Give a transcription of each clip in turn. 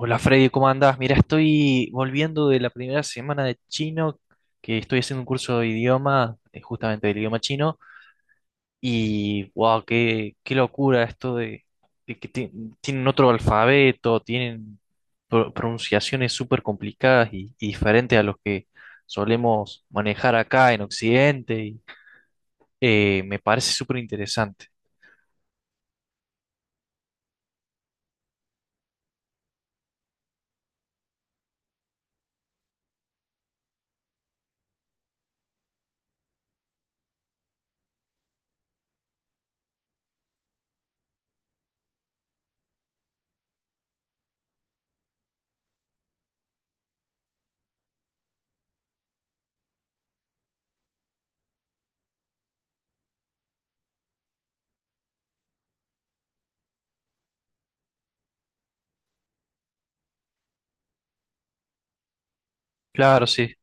Hola Freddy, ¿cómo andás? Mira, estoy volviendo de la primera semana de chino, que estoy haciendo un curso de idioma, justamente del idioma chino, y wow, qué locura esto de que tienen otro alfabeto, tienen pronunciaciones súper complicadas y diferentes a los que solemos manejar acá en Occidente, y, me parece súper interesante. Claro, sí,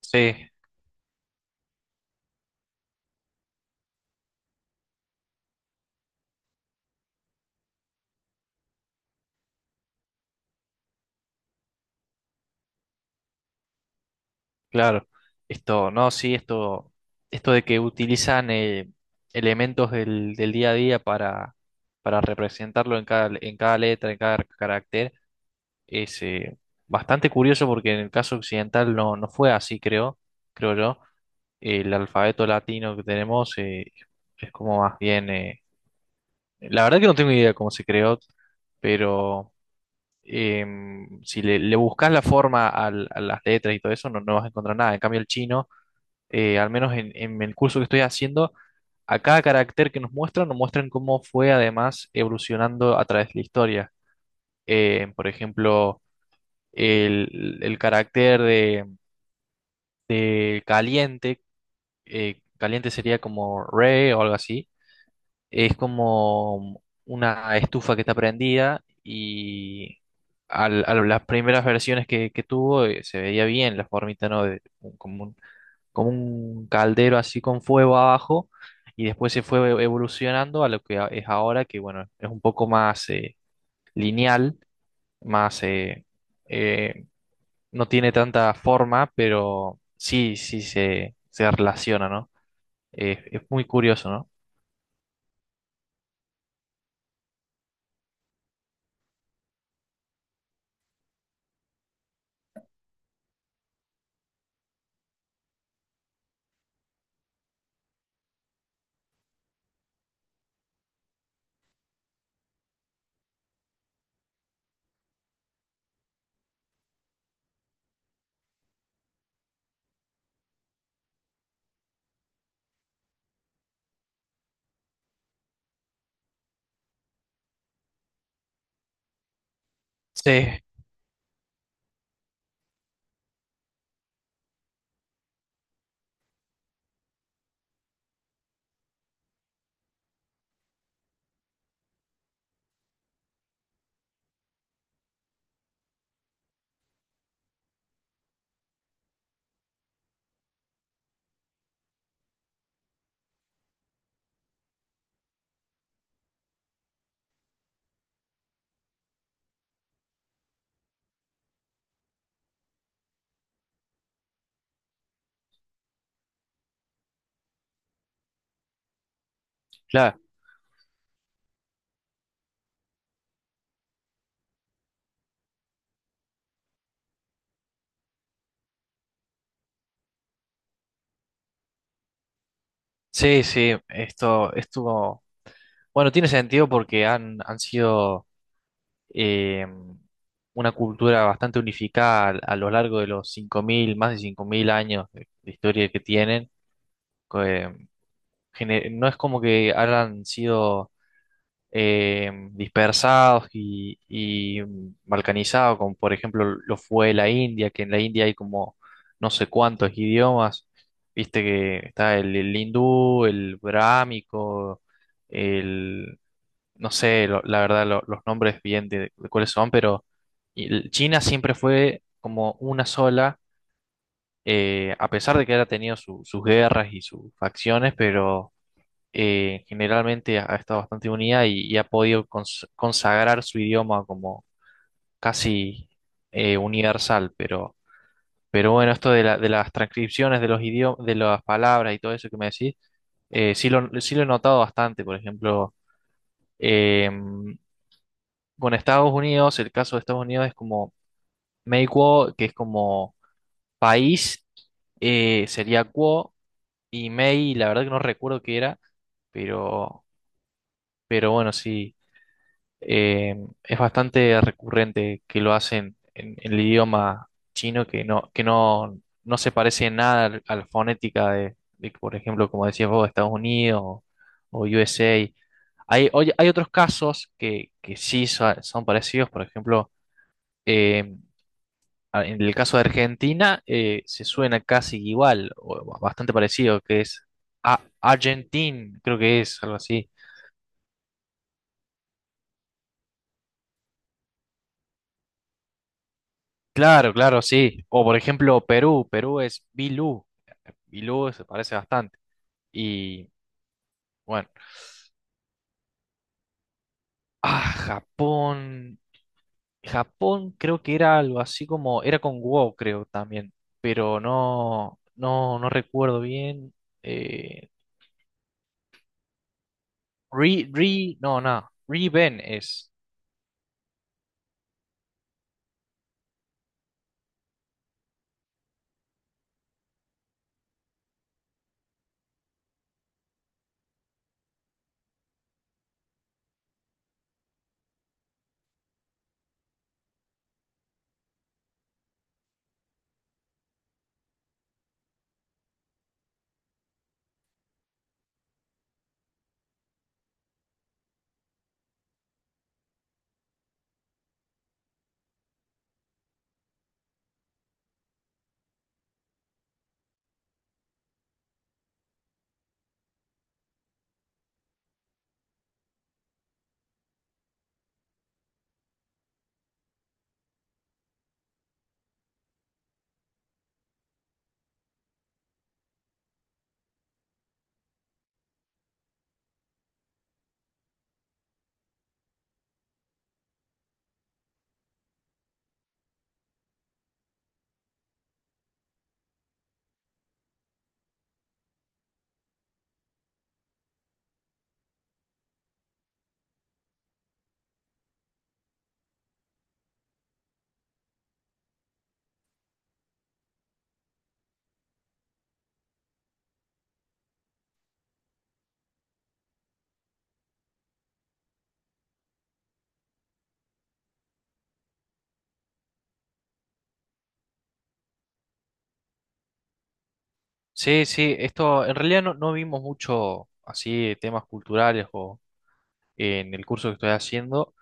sí, claro, esto, no, sí, esto de que utilizan elementos del día a día para representarlo en cada letra, en cada carácter, es bastante curioso porque en el caso occidental no fue así, creo, creo yo. El alfabeto latino que tenemos es como más bien, la verdad que no tengo idea cómo se creó, pero si le, buscas la forma a las letras y todo eso, no vas a encontrar nada. En cambio, el chino al menos en el curso que estoy haciendo, a cada carácter que nos muestran cómo fue además evolucionando a través de la historia. Por ejemplo, el carácter de caliente, caliente sería como re o algo así, es como una estufa que está prendida y a las primeras versiones que tuvo se veía bien la formita, ¿no? Como un- Como un caldero así con fuego abajo y después se fue evolucionando a lo que es ahora, que bueno, es un poco más lineal, más eh, no tiene tanta forma, pero sí, sí se relaciona, ¿no? Es muy curioso, ¿no? Sí, claro. Sí, sí, esto estuvo... Bueno, tiene sentido porque han sido eh, una cultura bastante unificada a lo largo de los 5.000 más de 5.000 años de historia que tienen. co- eh, no es como que hayan sido dispersados y balcanizados, como por ejemplo lo fue la India, que en la India hay como no sé cuántos idiomas. Viste que está el hindú, el brámico, no sé, la verdad, los nombres bien de, cuáles son, pero China siempre fue como una sola, a pesar de que ha tenido sus guerras y sus facciones, pero generalmente ha estado bastante unida y ha podido consagrar su idioma como casi universal, pero... Pero bueno, esto de las transcripciones de los idiomas, de las palabras y todo eso que me decís, sí lo he notado bastante. Por ejemplo, em, con Estados Unidos, el caso de Estados Unidos es como Mei Kuo, que es como país, sería Kuo, y Mei, la verdad que no recuerdo qué era, pero, bueno, sí, eh, es bastante recurrente que lo hacen en el idioma chino, que no se parece en nada a la fonética por ejemplo, como decías vos, Estados Unidos o USA. Hay, oye, hay otros casos que sí son parecidos, por ejemplo, em, en el caso de Argentina se suena casi igual, o bastante parecido, que es a Argentin, creo que es algo así. Claro, claro, sí. O por ejemplo Perú, Perú es Bilú, Bilú se parece bastante. Y bueno, ah, Japón, Japón creo que era algo así como, era con wo, creo también, pero no recuerdo bien. Eh, Ri, Ri, no, no, Riben es. Sí, sí, esto en realidad no vimos mucho así temas culturales o en el curso que estoy haciendo,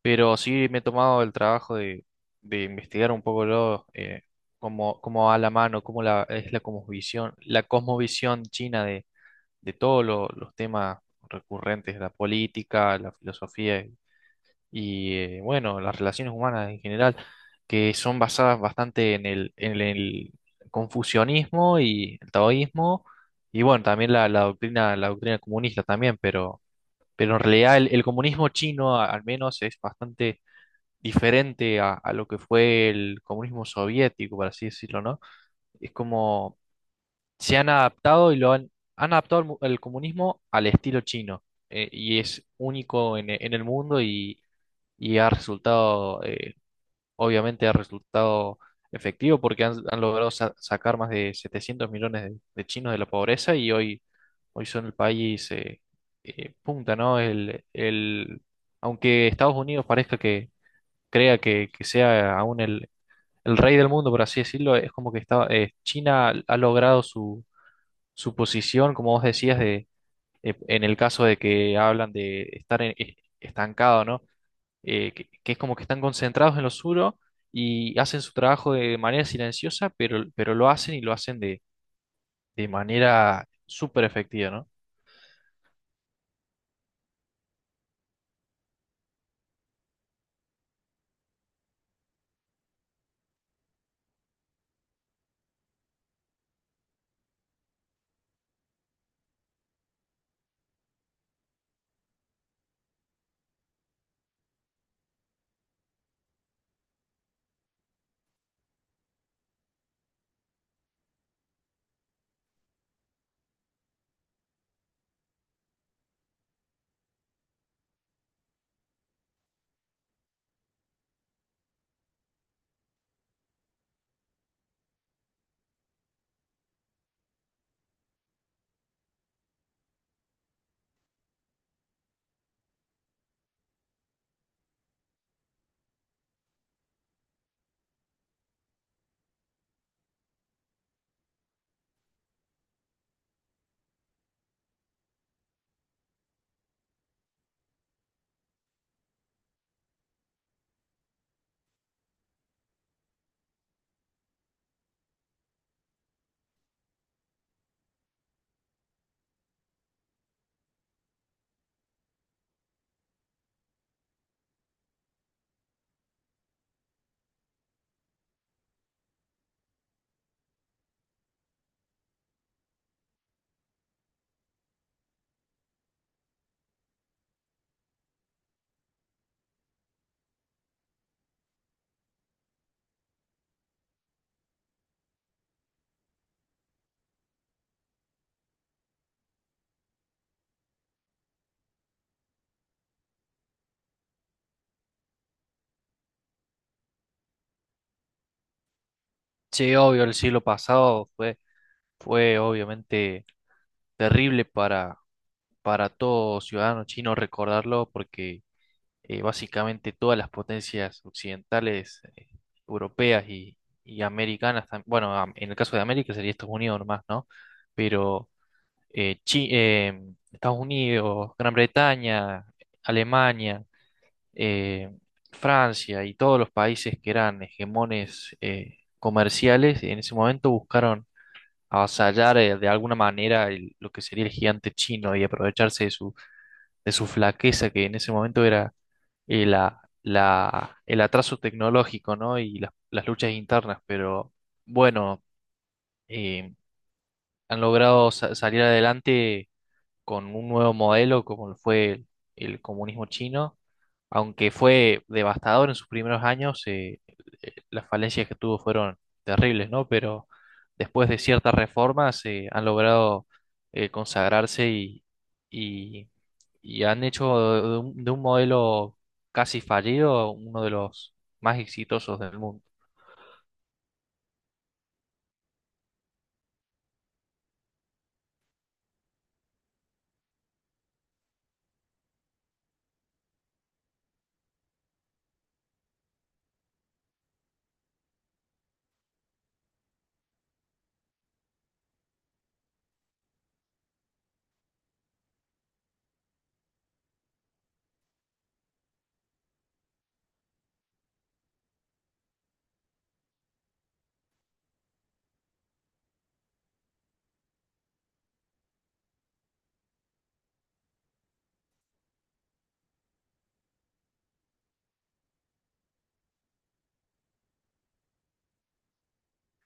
pero sí me he tomado el trabajo de investigar un poco cómo, va la mano, cómo la, es la cosmovisión, china de todos los temas recurrentes, la política, la filosofía y bueno, las relaciones humanas en general, que son basadas bastante en el confucianismo y el taoísmo, y bueno, también la doctrina comunista también, pero, en realidad el comunismo chino al menos es bastante diferente a lo que fue el comunismo soviético, por así decirlo, ¿no? Es como se han adaptado y lo han adaptado el comunismo al estilo chino. Y es único en el mundo y ha resultado, obviamente ha resultado efectivo porque han logrado sacar más de 700 millones de chinos de la pobreza y hoy son el país punta, ¿no? Aunque Estados Unidos parezca que crea que sea aún el rey del mundo, por así decirlo, es como que está, China ha logrado su posición, como vos decías, de, en el caso de que hablan de estar estancado, ¿no? Que es como que están concentrados en lo suyo y hacen su trabajo de manera silenciosa, pero, lo hacen y lo hacen de manera súper efectiva, ¿no? Sí, obvio, el siglo pasado fue obviamente terrible para todo ciudadano chino recordarlo porque básicamente todas las potencias occidentales, europeas y americanas, en el caso de América sería Estados Unidos nomás, ¿no? Pero eh, Chi- eh, Estados Unidos, Gran Bretaña, Alemania, eh, Francia y todos los países que eran hegemones comerciales, en ese momento buscaron avasallar de alguna manera lo que sería el gigante chino y aprovecharse de su flaqueza, que en ese momento era el atraso tecnológico, ¿no? Y las luchas internas, pero bueno, eh, han logrado salir adelante con un nuevo modelo como lo fue el comunismo chino, aunque fue devastador en sus primeros años, las falencias que tuvo fueron terribles, ¿no? Pero después de ciertas reformas han logrado consagrarse y, y han hecho de un modelo casi fallido uno de los más exitosos del mundo.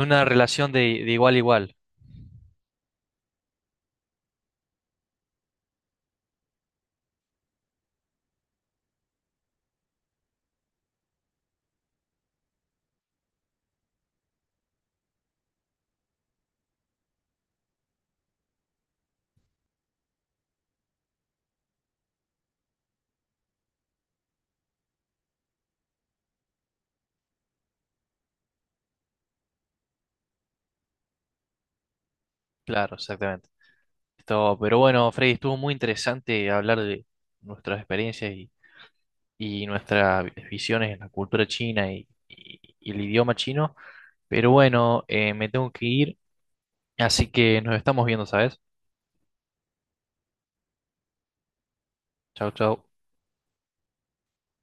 Una relación de igual a igual, claro, exactamente. Esto, pero bueno, Freddy, estuvo muy interesante hablar de nuestras experiencias y nuestras visiones en la cultura china y el idioma chino. Pero bueno, me tengo que ir, así que nos estamos viendo, ¿sabes? Chao, chao.